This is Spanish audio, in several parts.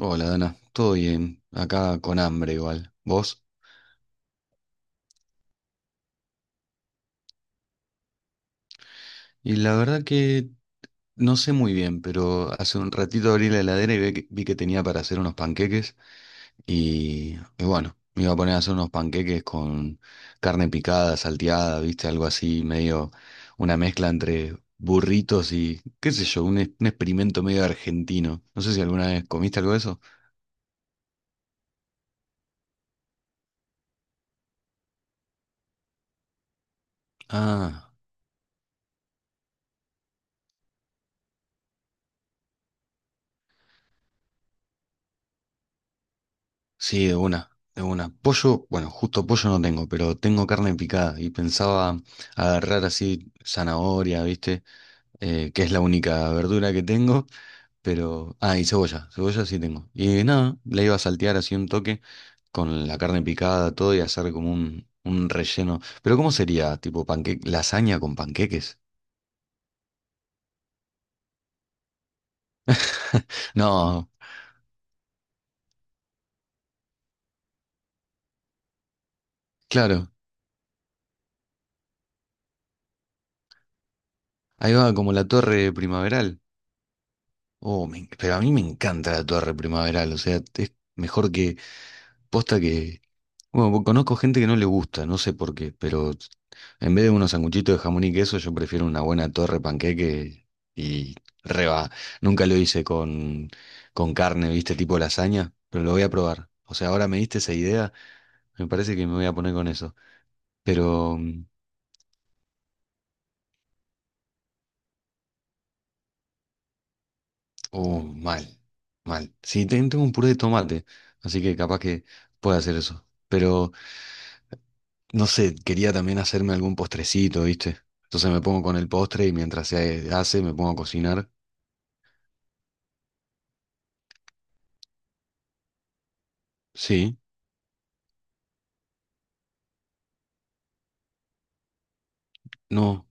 Hola, Dana. Todo bien. Acá con hambre igual. ¿Vos? Y la verdad que no sé muy bien, pero hace un ratito abrí la heladera y vi que tenía para hacer unos panqueques. Y bueno, me iba a poner a hacer unos panqueques con carne picada, salteada, ¿viste? Algo así, medio una mezcla entre burritos y, qué sé yo, un experimento medio argentino. No sé si alguna vez comiste algo de eso. Ah. Sí, de una, de una. Pollo, bueno, justo pollo no tengo, pero tengo carne picada y pensaba agarrar así zanahoria, ¿viste? Que es la única verdura que tengo, pero... Ah, y cebolla, cebolla sí tengo. Y nada, la iba a saltear así un toque con la carne picada, todo y hacer como un relleno. Pero ¿cómo sería? Tipo panque... lasaña con panqueques. No, claro, ahí va como la torre primaveral. Oh, pero a mí me encanta la torre primaveral, o sea, es mejor. Posta que, bueno, conozco gente que no le gusta, no sé por qué, pero en vez de unos sanguchitos de jamón y queso, yo prefiero una buena torre panqueque y reba. Nunca lo hice con carne, viste, tipo lasaña, pero lo voy a probar. O sea, ahora me diste esa idea, me parece que me voy a poner con eso. Pero, mal, mal. Sí, tengo un puré de tomate, así que capaz que pueda hacer eso. Pero no sé, quería también hacerme algún postrecito, ¿viste? Entonces me pongo con el postre y mientras se hace me pongo a cocinar. Sí, no,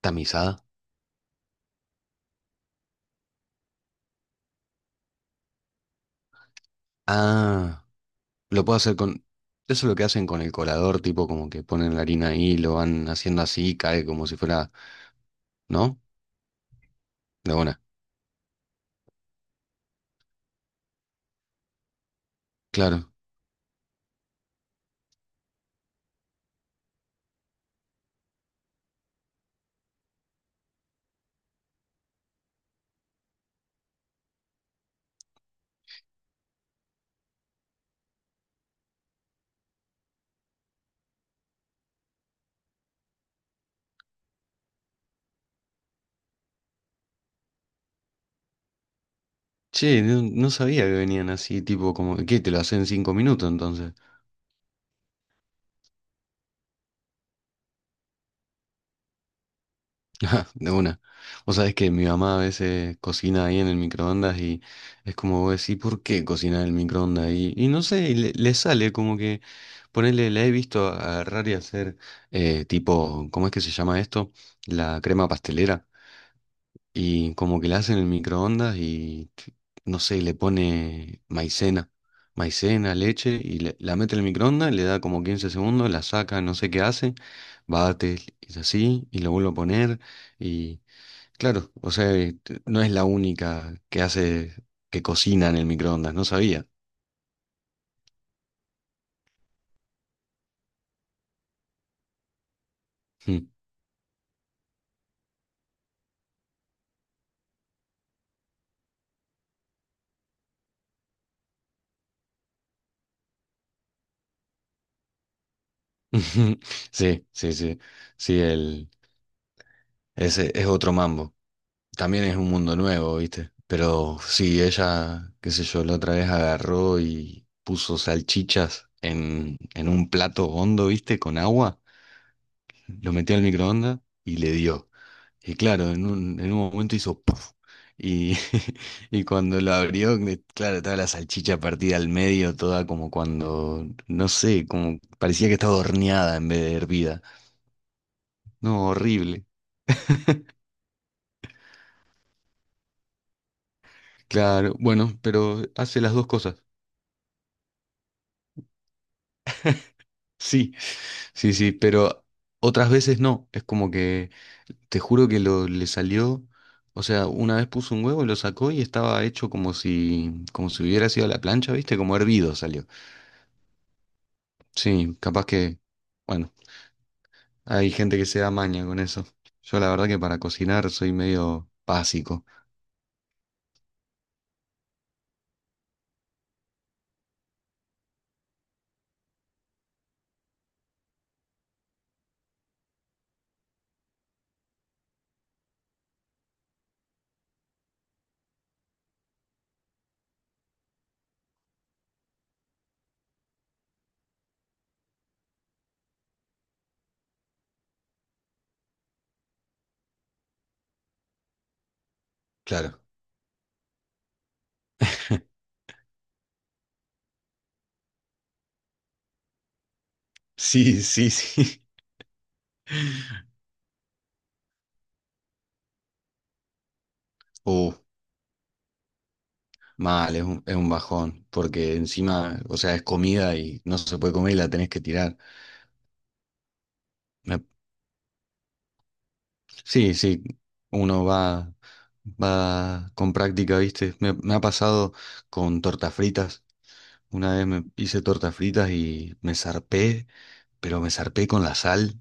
tamizada. Ah, lo puedo hacer con... Eso es lo que hacen con el colador, tipo como que ponen la harina ahí, lo van haciendo así, cae como si fuera... ¿No? De buena. Claro. Che, no, no sabía que venían así, tipo como... ¿Qué? ¿Te lo hacen en 5 minutos entonces? De una. O sabes que mi mamá a veces cocina ahí en el microondas y es como vos decís, ¿por qué cocina en el microondas? Y no sé, y le sale como que, ponele, la he visto agarrar y hacer tipo, ¿cómo es que se llama esto? La crema pastelera. Y como que la hace en el microondas y, no sé, le pone maicena, maicena, leche y la mete en el microondas, le da como 15 segundos, la saca, no sé qué hace, bate y así, y lo vuelve a poner. Claro, o sea, no es la única que hace que cocina en el microondas, no sabía. Mm. Sí, sí, sí, sí, ese es otro mambo. También es un mundo nuevo, ¿viste? Pero sí, ella, qué sé yo, la otra vez agarró y puso salchichas en un plato hondo, ¿viste? Con agua, lo metió al microondas y le dio. Y claro, en un momento hizo puff. Y, y cuando lo abrió, claro, estaba la salchicha partida al medio, toda como cuando, no sé, como parecía que estaba horneada en vez de hervida. No, horrible. Claro, bueno, pero hace las dos cosas. Sí, sí, sí, pero otras veces no. Es como que, te juro que lo, le salió, o sea, una vez puso un huevo y lo sacó y estaba hecho como si hubiera sido a la plancha, ¿viste? Como hervido salió. Sí, capaz que... Bueno. Hay gente que se da maña con eso. Yo la verdad que para cocinar soy medio básico. Claro. Sí, sí, sí. Uh, Mal, es un bajón, porque encima, o sea, es comida y no se puede comer y la tenés que tirar. Me- sí, sí, uno va, con práctica, ¿viste? Me ha pasado con tortas fritas. Una vez me hice tortas fritas y me zarpé, pero me zarpé con la sal.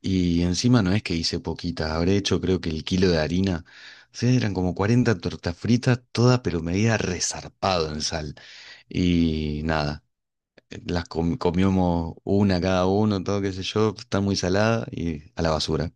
Y encima no es que hice poquita, habré hecho creo que el kilo de harina. O sea, eran como 40 tortas fritas, todas pero medida resarpado en sal. Y nada, comíamos una cada uno, todo qué sé yo, está muy salada y a la basura.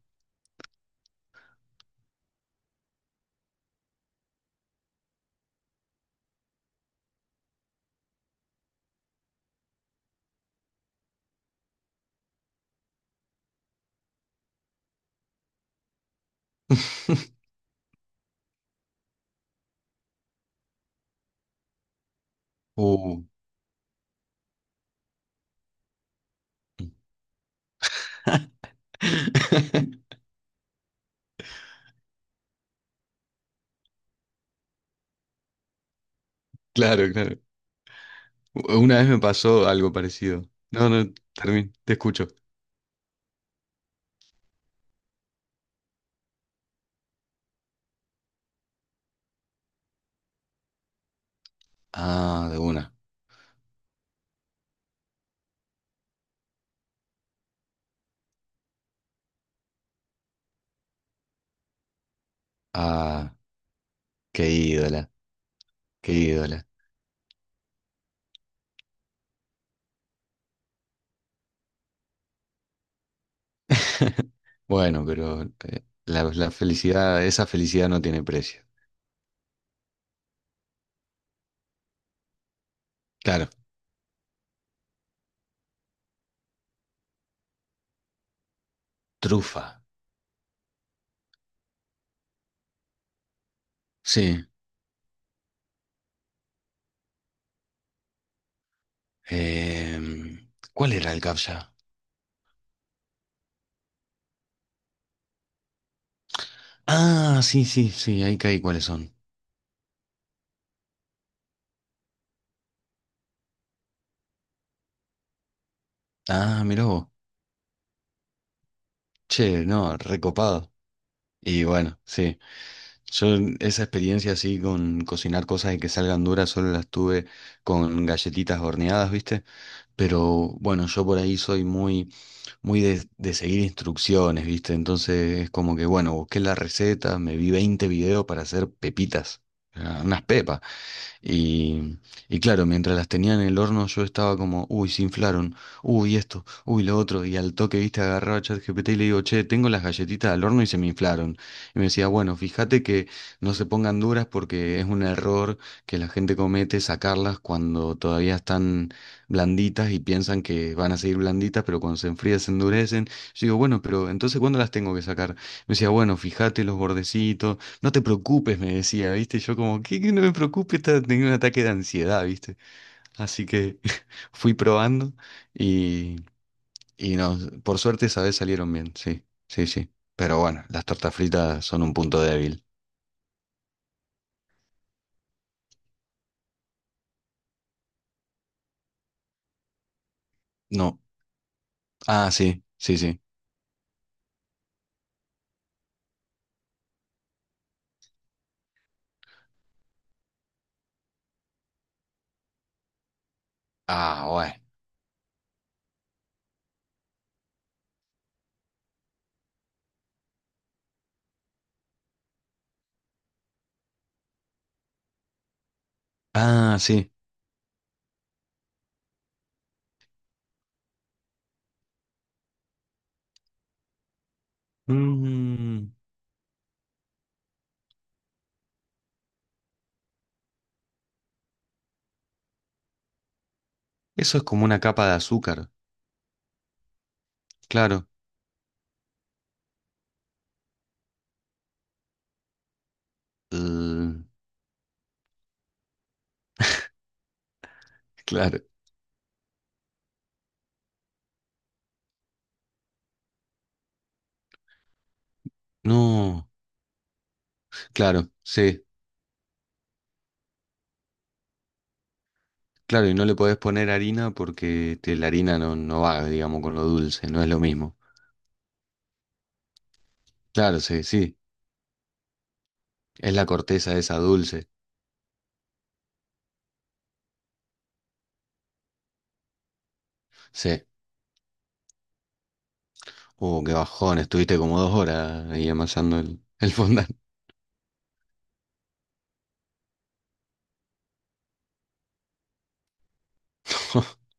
Uh. Claro, claro. Una vez me pasó algo parecido. No, no, termino, te escucho. Ah, de una. Ah, qué ídola, qué ídola. Bueno, pero la felicidad, esa felicidad no tiene precio. Claro, trufa. Sí. ¿Cuál era el captcha? Ah, sí, sí, sí, ahí caí cuáles son. Ah, mirá vos. Che, no, recopado. Y bueno, sí. Yo esa experiencia así con cocinar cosas y que salgan duras solo las tuve con galletitas horneadas, ¿viste? Pero bueno, yo por ahí soy muy, muy de seguir instrucciones, ¿viste? Entonces es como que, bueno, busqué la receta, me vi 20 videos para hacer pepitas, ah, unas pepas. Y, y claro, mientras las tenía en el horno yo estaba como, uy, se inflaron, uy, esto, uy, lo otro. Y al toque, viste, agarraba a ChatGPT y le digo, che, tengo las galletitas al horno y se me inflaron. Y me decía, bueno, fíjate que no se pongan duras porque es un error que la gente comete sacarlas cuando todavía están blanditas y piensan que van a seguir blanditas, pero cuando se enfrían se endurecen. Yo digo, bueno, pero entonces ¿cuándo las tengo que sacar? Me decía, bueno, fíjate los bordecitos. No te preocupes, me decía, ¿viste? Yo como, ¿qué, que no me preocupe? Estaba teniendo un ataque de ansiedad, ¿viste? Así que fui probando y, y no, por suerte esa vez salieron bien, sí, sí, sí. Pero bueno, las tortas fritas son un punto débil. No. Ah, sí, sí, sí. Ah, bueno. Ah, sí. Mm, Eso es como una capa de azúcar, claro. Mm, claro. No, claro, sí. Claro, y no le podés poner harina porque la harina no va, digamos, con lo dulce, no es lo mismo. Claro, sí, sí, es la corteza esa dulce. Sí. Qué bajón, estuviste como 2 horas ahí amasando el fondant.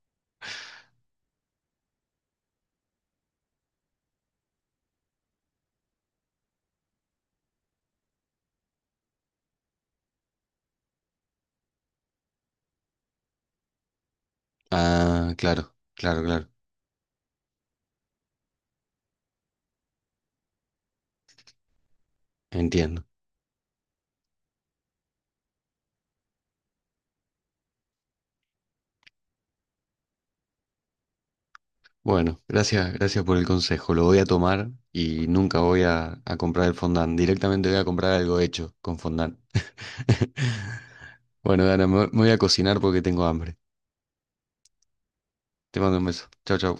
Ah, claro, claro, claro, entiendo. Bueno, gracias, gracias por el consejo, lo voy a tomar y nunca voy a comprar el fondant, directamente voy a comprar algo hecho con fondant. Bueno, Dana, me voy a cocinar porque tengo hambre. Te mando un beso. Chau, chau.